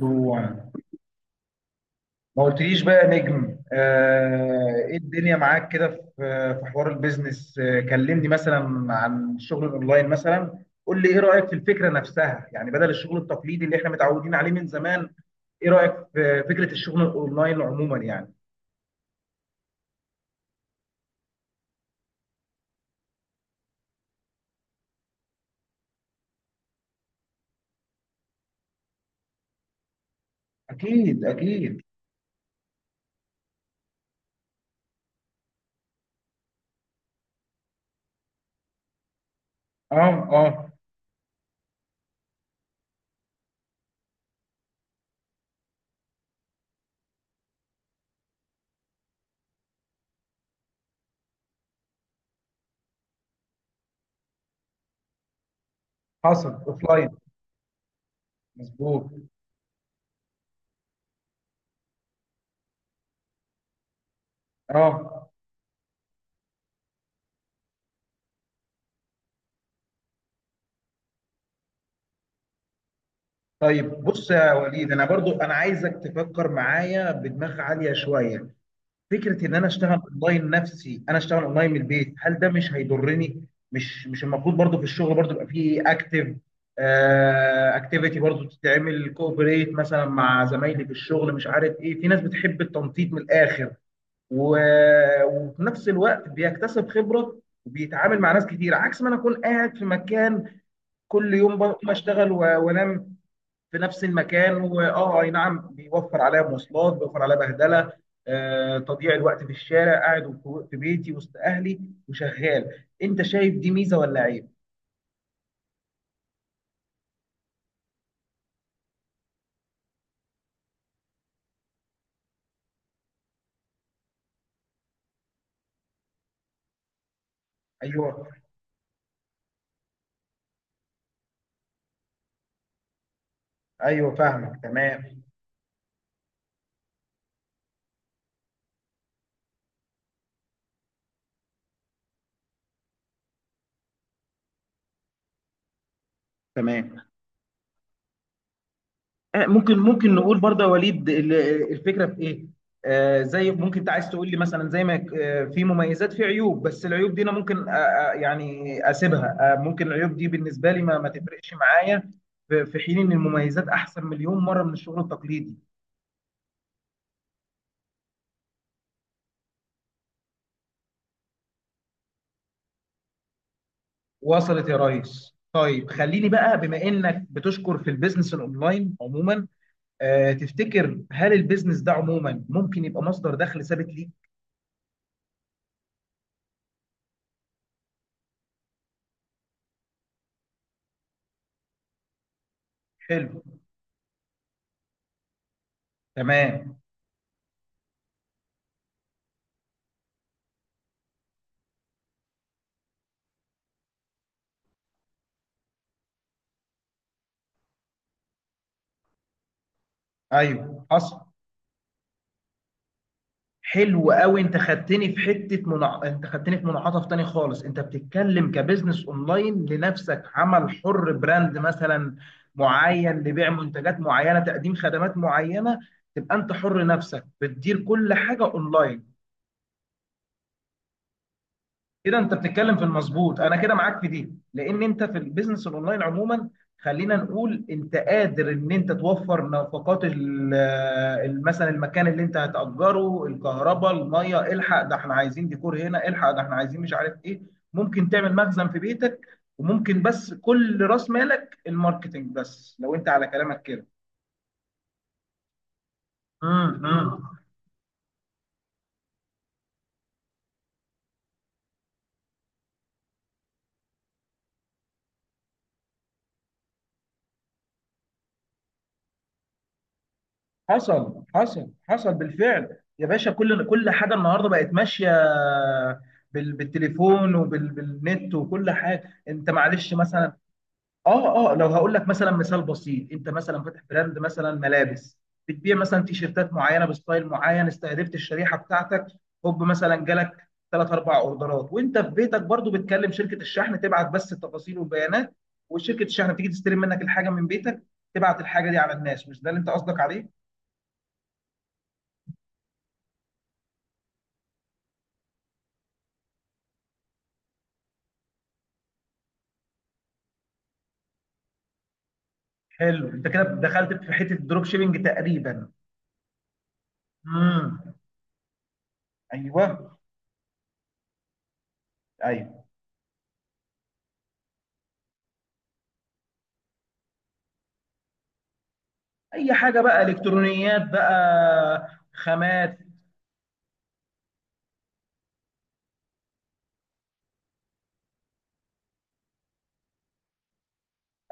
جوه. ما قلتليش بقى يا نجم، ايه الدنيا معاك كده في في حوار البيزنس؟ كلمني مثلا عن الشغل الاونلاين. مثلا قول لي ايه رأيك في الفكرة نفسها، يعني بدل الشغل التقليدي اللي احنا متعودين عليه من زمان؟ ايه رأيك في فكرة الشغل الاونلاين عموما يعني؟ اكيد، اكيد. اه، اه. حصل. اوفلاين. مظبوط. اه. طيب بص يا وليد، انا برضو انا عايزك تفكر معايا بدماغ عالية شوية. فكره ان انا اشتغل اونلاين، نفسي انا اشتغل اونلاين من البيت، هل ده مش هيضرني؟ مش المفروض برضو في الشغل برضو يبقى فيه اكتيفيتي برضو تتعمل كوبريت مثلا مع زمايلي في الشغل؟ مش عارف ايه، في ناس بتحب التنطيط من الاخر و... وفي نفس الوقت بيكتسب خبره وبيتعامل مع ناس كتير، عكس ما انا اكون قاعد في مكان كل يوم بقوم اشتغل وانام في نفس المكان. واه، اي نعم، بيوفر عليا مواصلات، بيوفر عليا بهدله، تضييع الوقت في الشارع، قاعد في بيتي وسط اهلي وشغال. انت شايف دي ميزه ولا عيب؟ ايوه. ايوه فاهمك تمام. تمام. ممكن نقول برضه يا وليد الفكره في ايه؟ آه، زي ممكن انت عايز تقول لي مثلا زي ما في مميزات في عيوب، بس العيوب دي انا ممكن يعني اسيبها. آه ممكن العيوب دي بالنسبه لي ما تفرقش معايا. في في حين ان المميزات احسن مليون مره من الشغل التقليدي. وصلت يا ريس. طيب خليني بقى، بما انك بتشكر في البيزنس الاونلاين عموما، آه تفتكر هل البيزنس ده عموما ممكن يبقى مصدر دخل ثابت ليك؟ حلو. تمام. ايوه حصل. حلو قوي. انت خدتني في انت خدتني في منعطف تاني خالص. انت بتتكلم كبزنس اونلاين لنفسك، عمل حر، براند مثلا معين لبيع منتجات معينه، تقديم خدمات معينه، تبقى انت حر نفسك بتدير كل حاجه اونلاين. كده انت بتتكلم في المظبوط. انا كده معاك في دي، لان انت في البيزنس الاونلاين عموما، خلينا نقول انت قادر ان انت توفر نفقات مثلا المكان اللي انت هتأجره، الكهرباء، الميه، الحق ده احنا عايزين ديكور هنا، الحق ده احنا عايزين مش عارف ايه. ممكن تعمل مخزن في بيتك، وممكن بس كل راس مالك الماركتينج بس، لو انت على كلامك كده. امم. حصل، حصل، حصل بالفعل يا باشا. كل حاجه النهارده بقت ماشيه بالتليفون وبالنت وكل حاجه. انت معلش، مثلا، اه اه، لو هقول لك مثلا مثال بسيط، انت مثلا فاتح براند مثلا ملابس، بتبيع مثلا تيشيرتات معينه بستايل معين، استهدفت الشريحه بتاعتك، هوب مثلا جالك ثلاث اربع اوردرات، وانت في بيتك برضو بتكلم شركه الشحن، تبعت بس التفاصيل والبيانات، وشركه الشحن بتيجي تستلم منك الحاجه من بيتك، تبعت الحاجه دي على الناس. مش ده اللي انت قصدك عليه؟ حلو، انت كده دخلت في حته الدروب شيبنج تقريبا. امم. ايوه. ايوه. اي حاجه بقى، الكترونيات بقى، خامات.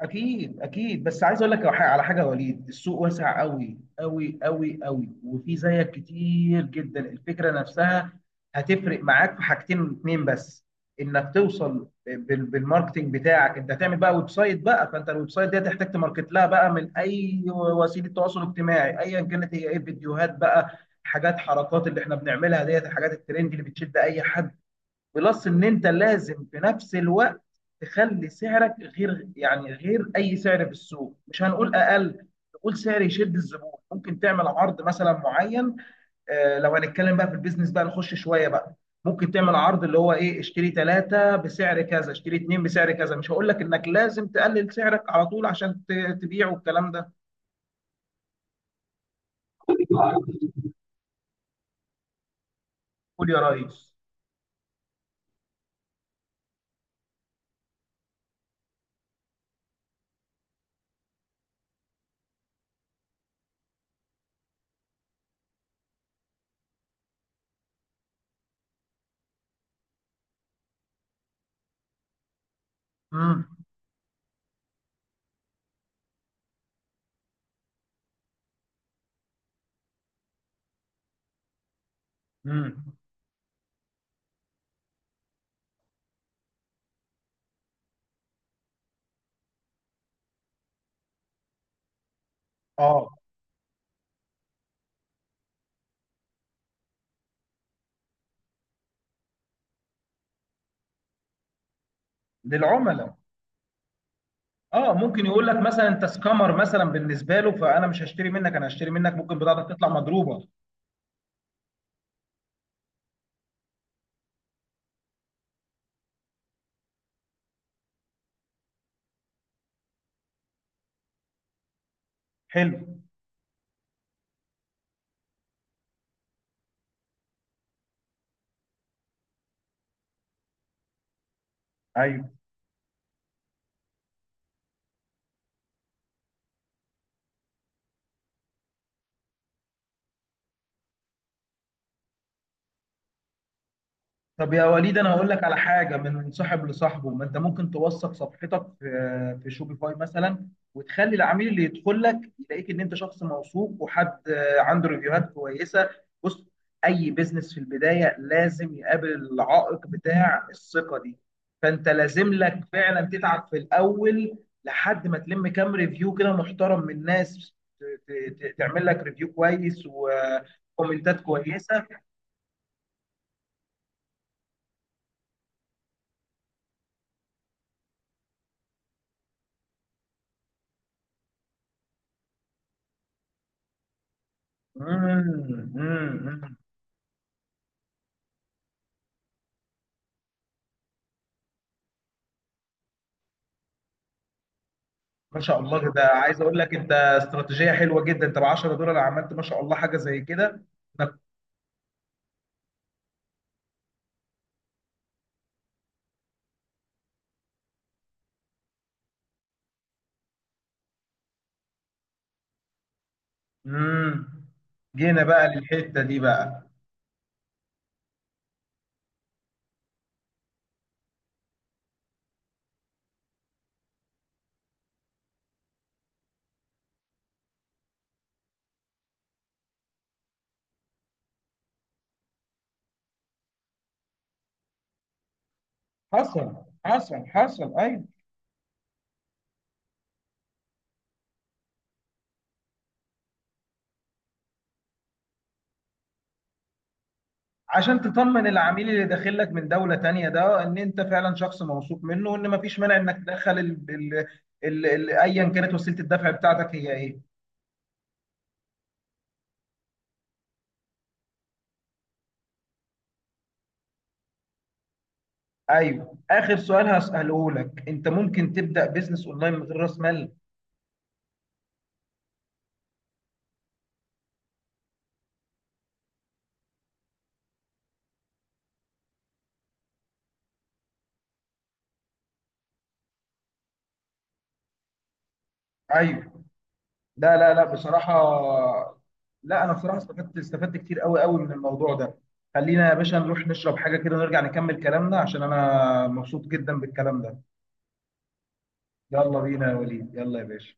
اكيد، اكيد. بس عايز اقول لك على حاجه يا وليد، السوق واسع قوي قوي قوي قوي، وفي زيك كتير جدا. الفكره نفسها هتفرق معاك في حاجتين اتنين بس. انك توصل بالماركتينج بتاعك، انت هتعمل بقى ويب سايت بقى، فانت الويب سايت دي هتحتاج تماركت لها بقى من اي وسيله تواصل اجتماعي ايا كانت هي، ايه، فيديوهات بقى، حاجات، حركات اللي احنا بنعملها ديت، الحاجات الترند اللي بتشد اي حد. بلس ان انت لازم في نفس الوقت تخلي سعرك غير، يعني غير اي سعر في السوق. مش هنقول اقل، نقول سعر يشد الزبون. ممكن تعمل عرض مثلا معين. لو هنتكلم بقى في البيزنس بقى نخش شويه بقى، ممكن تعمل عرض اللي هو ايه، اشتري ثلاثة بسعر كذا، اشتري اتنين بسعر كذا. مش هقول لك انك لازم تقلل سعرك على طول عشان تبيع والكلام ده. قول يا ريس. امم. امم. اه. للعملاء. اه، ممكن يقول لك مثلا انت سكامر مثلا بالنسبه له، فانا مش هشتري منك. انا هشتري منك ممكن بضاعتك تطلع مضروبه. حلو. ايوه. طب يا وليد انا هقول لك على حاجه من صاحب لصاحبه. ما انت ممكن توثق صفحتك في في شوبيفاي مثلا، وتخلي العميل اللي يدخل لك يلاقيك ان انت شخص موثوق وحد، عنده ريفيوهات كويسه. بص، اي بيزنس في البدايه لازم يقابل العائق بتاع الثقه دي. فانت لازم لك فعلا تتعب في الاول، لحد ما تلم كام ريفيو كده محترم من ناس، تعمل لك ريفيو كويس وكومنتات كويسه. مم، مم، مم. ما شاء الله. ده عايز اقول لك انت استراتيجيه حلوه جدا. انت ب 10$ عملت ما شاء الله حاجه زي كده. إنك- امم. جينا بقى للحته دي بقى. حصل، حصل، حصل. ايوه. عشان تطمن العميل اللي داخل لك من دوله تانية ده ان انت فعلا شخص موثوق منه، وان مفيش مانع انك تدخل ايا كانت وسيله الدفع بتاعتك هي ايه. ايوه، اخر سؤال هساله لك، انت ممكن تبدا بيزنس اونلاين من غير راس مال؟ ايوه. لا لا لا، بصراحة، لا أنا بصراحة استفدت، استفدت كتير قوي قوي من الموضوع ده. خلينا يا باشا نروح نشرب حاجة كده ونرجع نكمل كلامنا، عشان أنا مبسوط جدا بالكلام ده. يلا بينا يا وليد، يلا يا باشا.